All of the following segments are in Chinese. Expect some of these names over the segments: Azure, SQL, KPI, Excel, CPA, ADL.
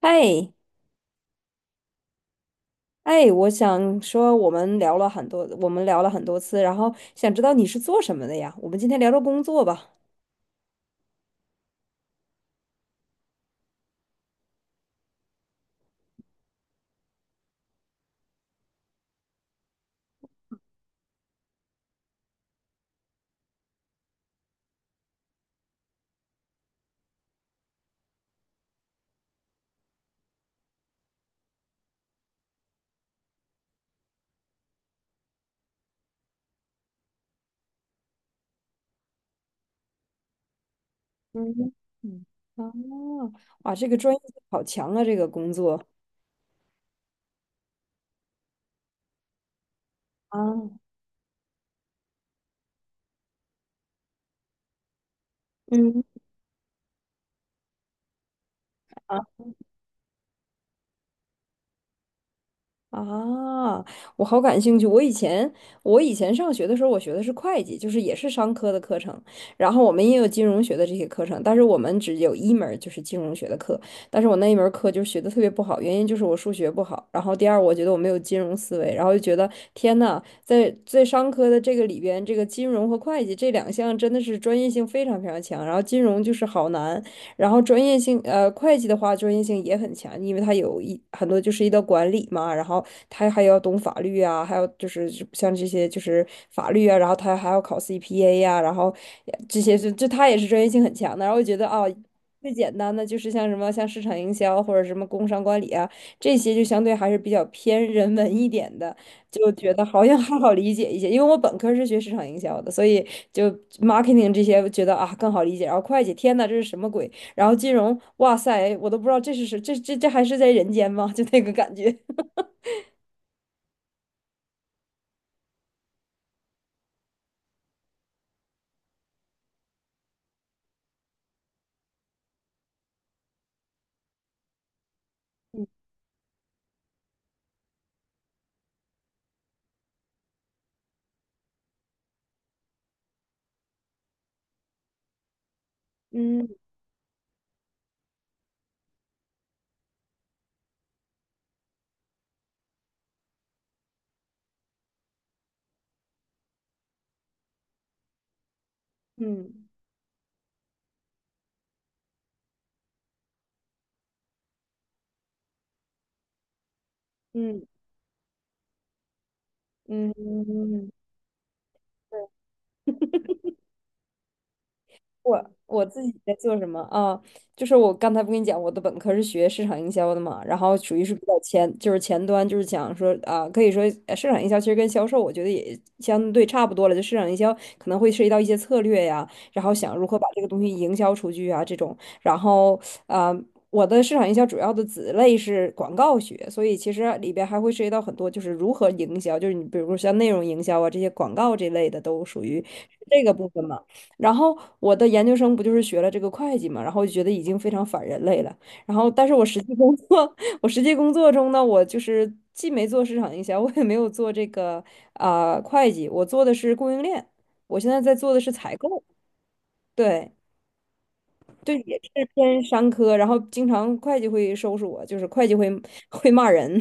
哎哎，我想说，我们聊了很多，我们聊了很多次，然后想知道你是做什么的呀？我们今天聊聊工作吧。嗯嗯，啊，哇，这个专业性好强啊，这个工作。啊，嗯。啊。啊，我好感兴趣。我以前上学的时候，我学的是会计，就是也是商科的课程。然后我们也有金融学的这些课程，但是我们只有一门儿就是金融学的课。但是我那一门儿课就学的特别不好，原因就是我数学不好。然后第二，我觉得我没有金融思维，然后就觉得天呐，在商科的这个里边，这个金融和会计这2项真的是专业性非常非常强，然后金融就是好难。然后专业性，呃，会计的话专业性也很强，因为他有一很多就是一道管理嘛，然后他还要懂法律啊，还有就是像这些就是法律啊，然后他还要考 CPA 呀、然后这些是就他也是专业性很强的。然后我觉得啊，最简单的就是像什么像市场营销或者什么工商管理啊，这些就相对还是比较偏人文一点的，就觉得好像还好理解一些。因为我本科是学市场营销的，所以就 marketing 这些觉得啊更好理解。然后会计，天呐，这是什么鬼？然后金融，哇塞，我都不知道这是谁，这这这还是在人间吗？就那个感觉。嗯嗯嗯嗯嗯嗯。我自己在做什么啊？就是我刚才不跟你讲，我的本科是学市场营销的嘛，然后属于是比较前，就是前端，就是讲说啊，可以说呃市场营销其实跟销售，我觉得也相对差不多了。就市场营销可能会涉及到一些策略呀，然后想如何把这个东西营销出去啊这种。然后啊，我的市场营销主要的子类是广告学，所以其实里边还会涉及到很多，就是如何营销，就是你比如说像内容营销啊这些广告这类的都属于这个部分嘛。然后我的研究生不就是学了这个会计嘛，然后就觉得已经非常反人类了。然后，但是我实际工作，我实际工作中呢，我就是既没做市场营销，我也没有做这个啊、会计，我做的是供应链。我现在在做的是采购，对对，也是偏商科。然后经常会计会收拾我，就是会计会会骂人。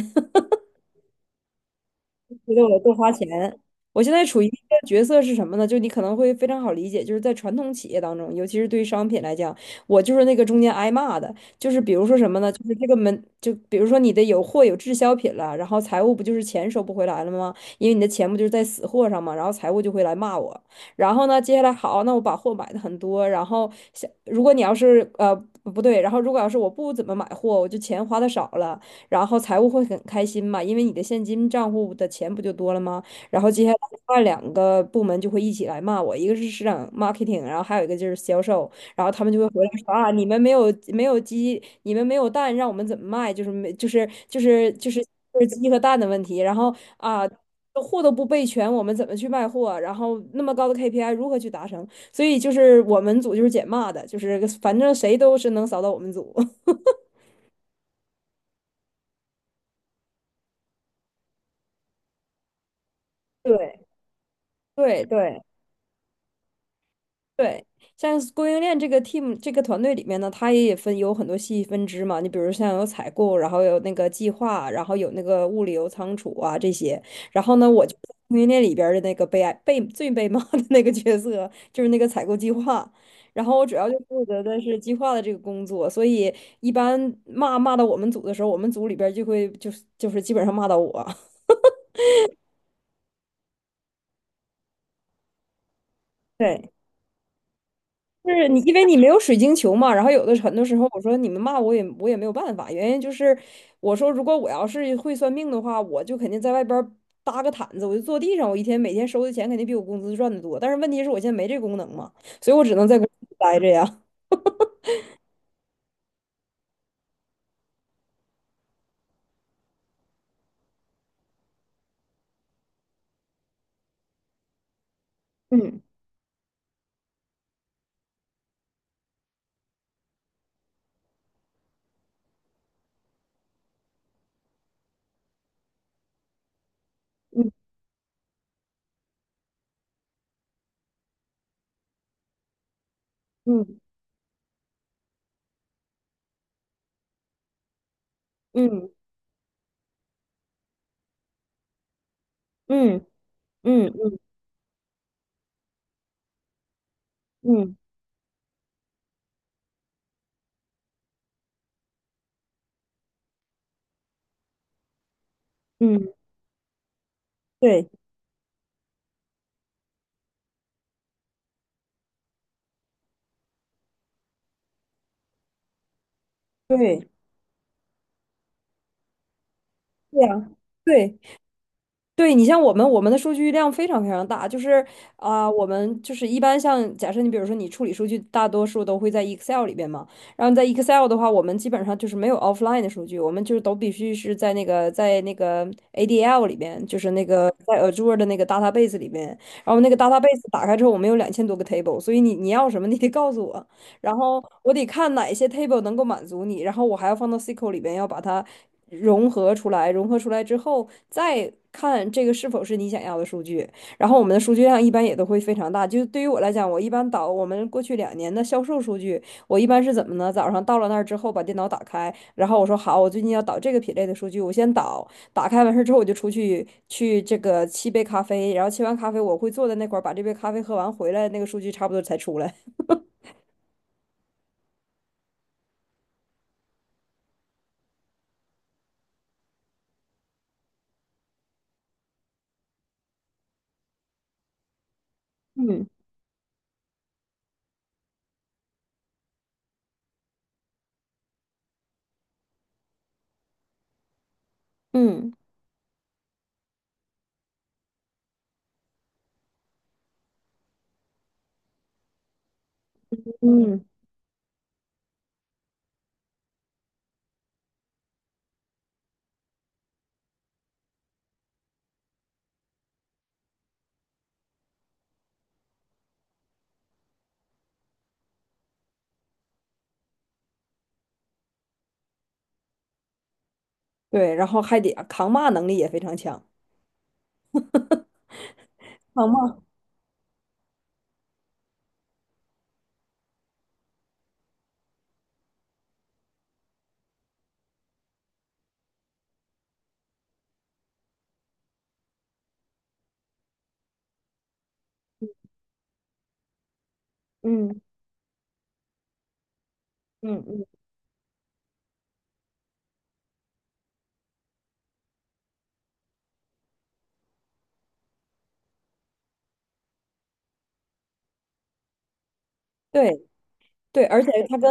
为了多花钱。我现在处于一个角色是什么呢？就你可能会非常好理解，就是在传统企业当中，尤其是对于商品来讲，我就是那个中间挨骂的。就是比如说什么呢？就是这个门，就比如说你的有货有滞销品了，然后财务不就是钱收不回来了吗？因为你的钱不就是在死货上嘛，然后财务就会来骂我。然后呢，接下来好，那我把货买的很多，然后想如果你要是不对，然后如果要是我不怎么买货，我就钱花的少了。然后财务会很开心嘛，因为你的现金账户的钱不就多了吗？然后接下来另外2个部门就会一起来骂我，一个是市场 marketing，然后还有一个就是销售，然后他们就会回来说啊，你们没有鸡，你们没有蛋，让我们怎么卖？就是没就是就是就是就是鸡和蛋的问题，然后啊。货都不备全，我们怎么去卖货啊？然后那么高的 KPI 如何去达成？所以就是我们组就是捡骂的，就是反正谁都是能扫到我们组。对对对，对，像是供应链这个 team 这个团队里面呢，它也分有很多细分支嘛。你比如像有采购，然后有那个计划，然后有那个物流仓储啊这些。然后呢，我就在供应链里边儿的那个被爱被最被骂的那个角色，就是那个采购计划。然后我主要就负责的是计划的这个工作，所以一般骂到我们组的时候，我们组里边儿就会就是基本上骂到我。对。就是你，因为你没有水晶球嘛，然后有的很多时候我说你们骂我也没有办法，原因就是我说如果我要是会算命的话，我就肯定在外边儿搭个毯子，我就坐地上，我一天每天收的钱肯定比我工资赚的多，但是问题是我现在没这功能嘛，所以我只能在公司待着呀。嗯嗯嗯嗯嗯嗯嗯嗯嗯，对对对呀，对。对你像我们的数据量非常非常大，就是我们就是一般像假设你比如说你处理数据，大多数都会在 Excel 里边嘛，然后在 Excel 的话，我们基本上就是没有 offline 的数据，我们就是都必须是在那个 ADL 里边，就是那个在 Azure 的那个 database 里边，然后那个 database 打开之后，我们有2000多个 table，所以你要什么你得告诉我。然后我得看哪一些 table 能够满足你，然后我还要放到 SQL 里边，要把它融合出来。融合出来之后，再看这个是否是你想要的数据。然后我们的数据量一般也都会非常大。就对于我来讲，我一般导我们过去2年的销售数据，我一般是怎么呢？早上到了那儿之后，把电脑打开，然后我说好，我最近要导这个品类的数据，我先导。打开完事之后，我就出去去这个沏杯咖啡，然后沏完咖啡，我会坐在那块儿把这杯咖啡喝完，回来那个数据差不多才出来。嗯嗯。嗯，对，然后还得扛骂能力也非常强。扛骂，嗯嗯嗯，对对，而且它跟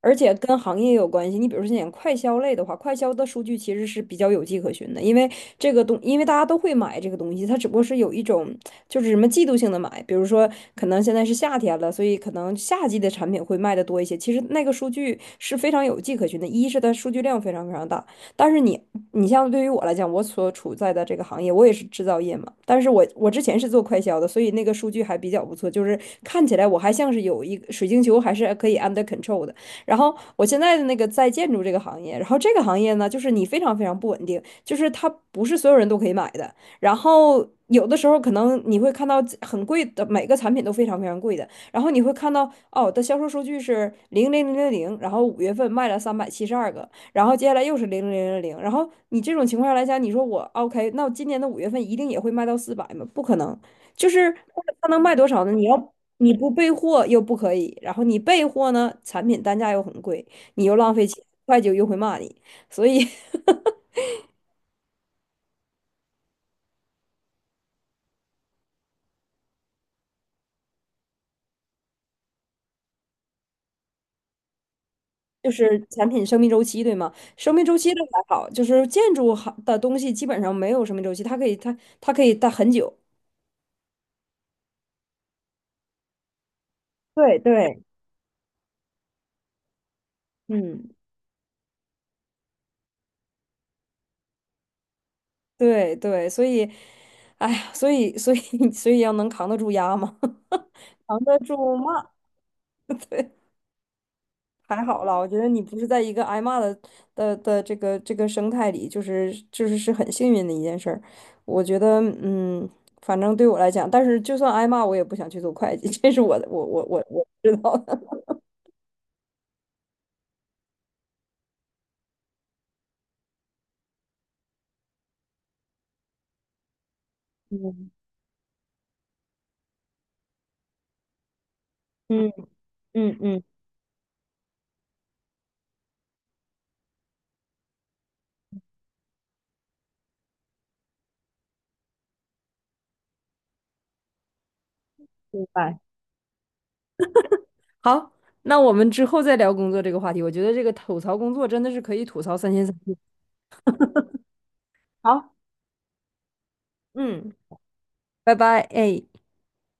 而且跟行业也有关系。你比如说，像快消类的话，快消的数据其实是比较有迹可循的，因为这个东，因为大家都会买这个东西，它只不过是有一种就是什么季度性的买，比如说可能现在是夏天了，所以可能夏季的产品会卖的多一些。其实那个数据是非常有迹可循的，一是它数据量非常非常大。但是你像对于我来讲，我所处在的这个行业，我也是制造业嘛。但是我之前是做快销的，所以那个数据还比较不错，就是看起来我还像是有一个水晶球，还是可以 under control 的。然后我现在的那个在建筑这个行业，然后这个行业呢，就是你非常非常不稳定，就是它不是所有人都可以买的。然后有的时候可能你会看到很贵的，每个产品都非常非常贵的。然后你会看到哦，的销售数据是零零零零零，然后五月份卖了372个，然后接下来又是零零零零零，然后你这种情况下来讲，你说我 OK，那我今年的五月份一定也会卖到400吗？不可能，就是它能卖多少呢？你要你不备货又不可以，然后你备货呢，产品单价又很贵，你又浪费钱，会计又会骂你，所以 就是产品生命周期，对吗？生命周期都还好，就是建筑好的东西基本上没有生命周期，它可以它它可以待很久。对对，嗯。对对，所以，哎呀，所以 所以要能扛得住压嘛，扛得住骂，对，还好啦。我觉得你不是在一个挨骂的这个生态里，就是是很幸运的一件事儿。我觉得，嗯，反正对我来讲，但是就算挨骂，我也不想去做会计，这是我的，我知道的。嗯，嗯嗯嗯，明白。好，那我们之后再聊工作这个话题。我觉得这个吐槽工作真的是可以吐槽三天三夜。好，嗯，拜拜，哎。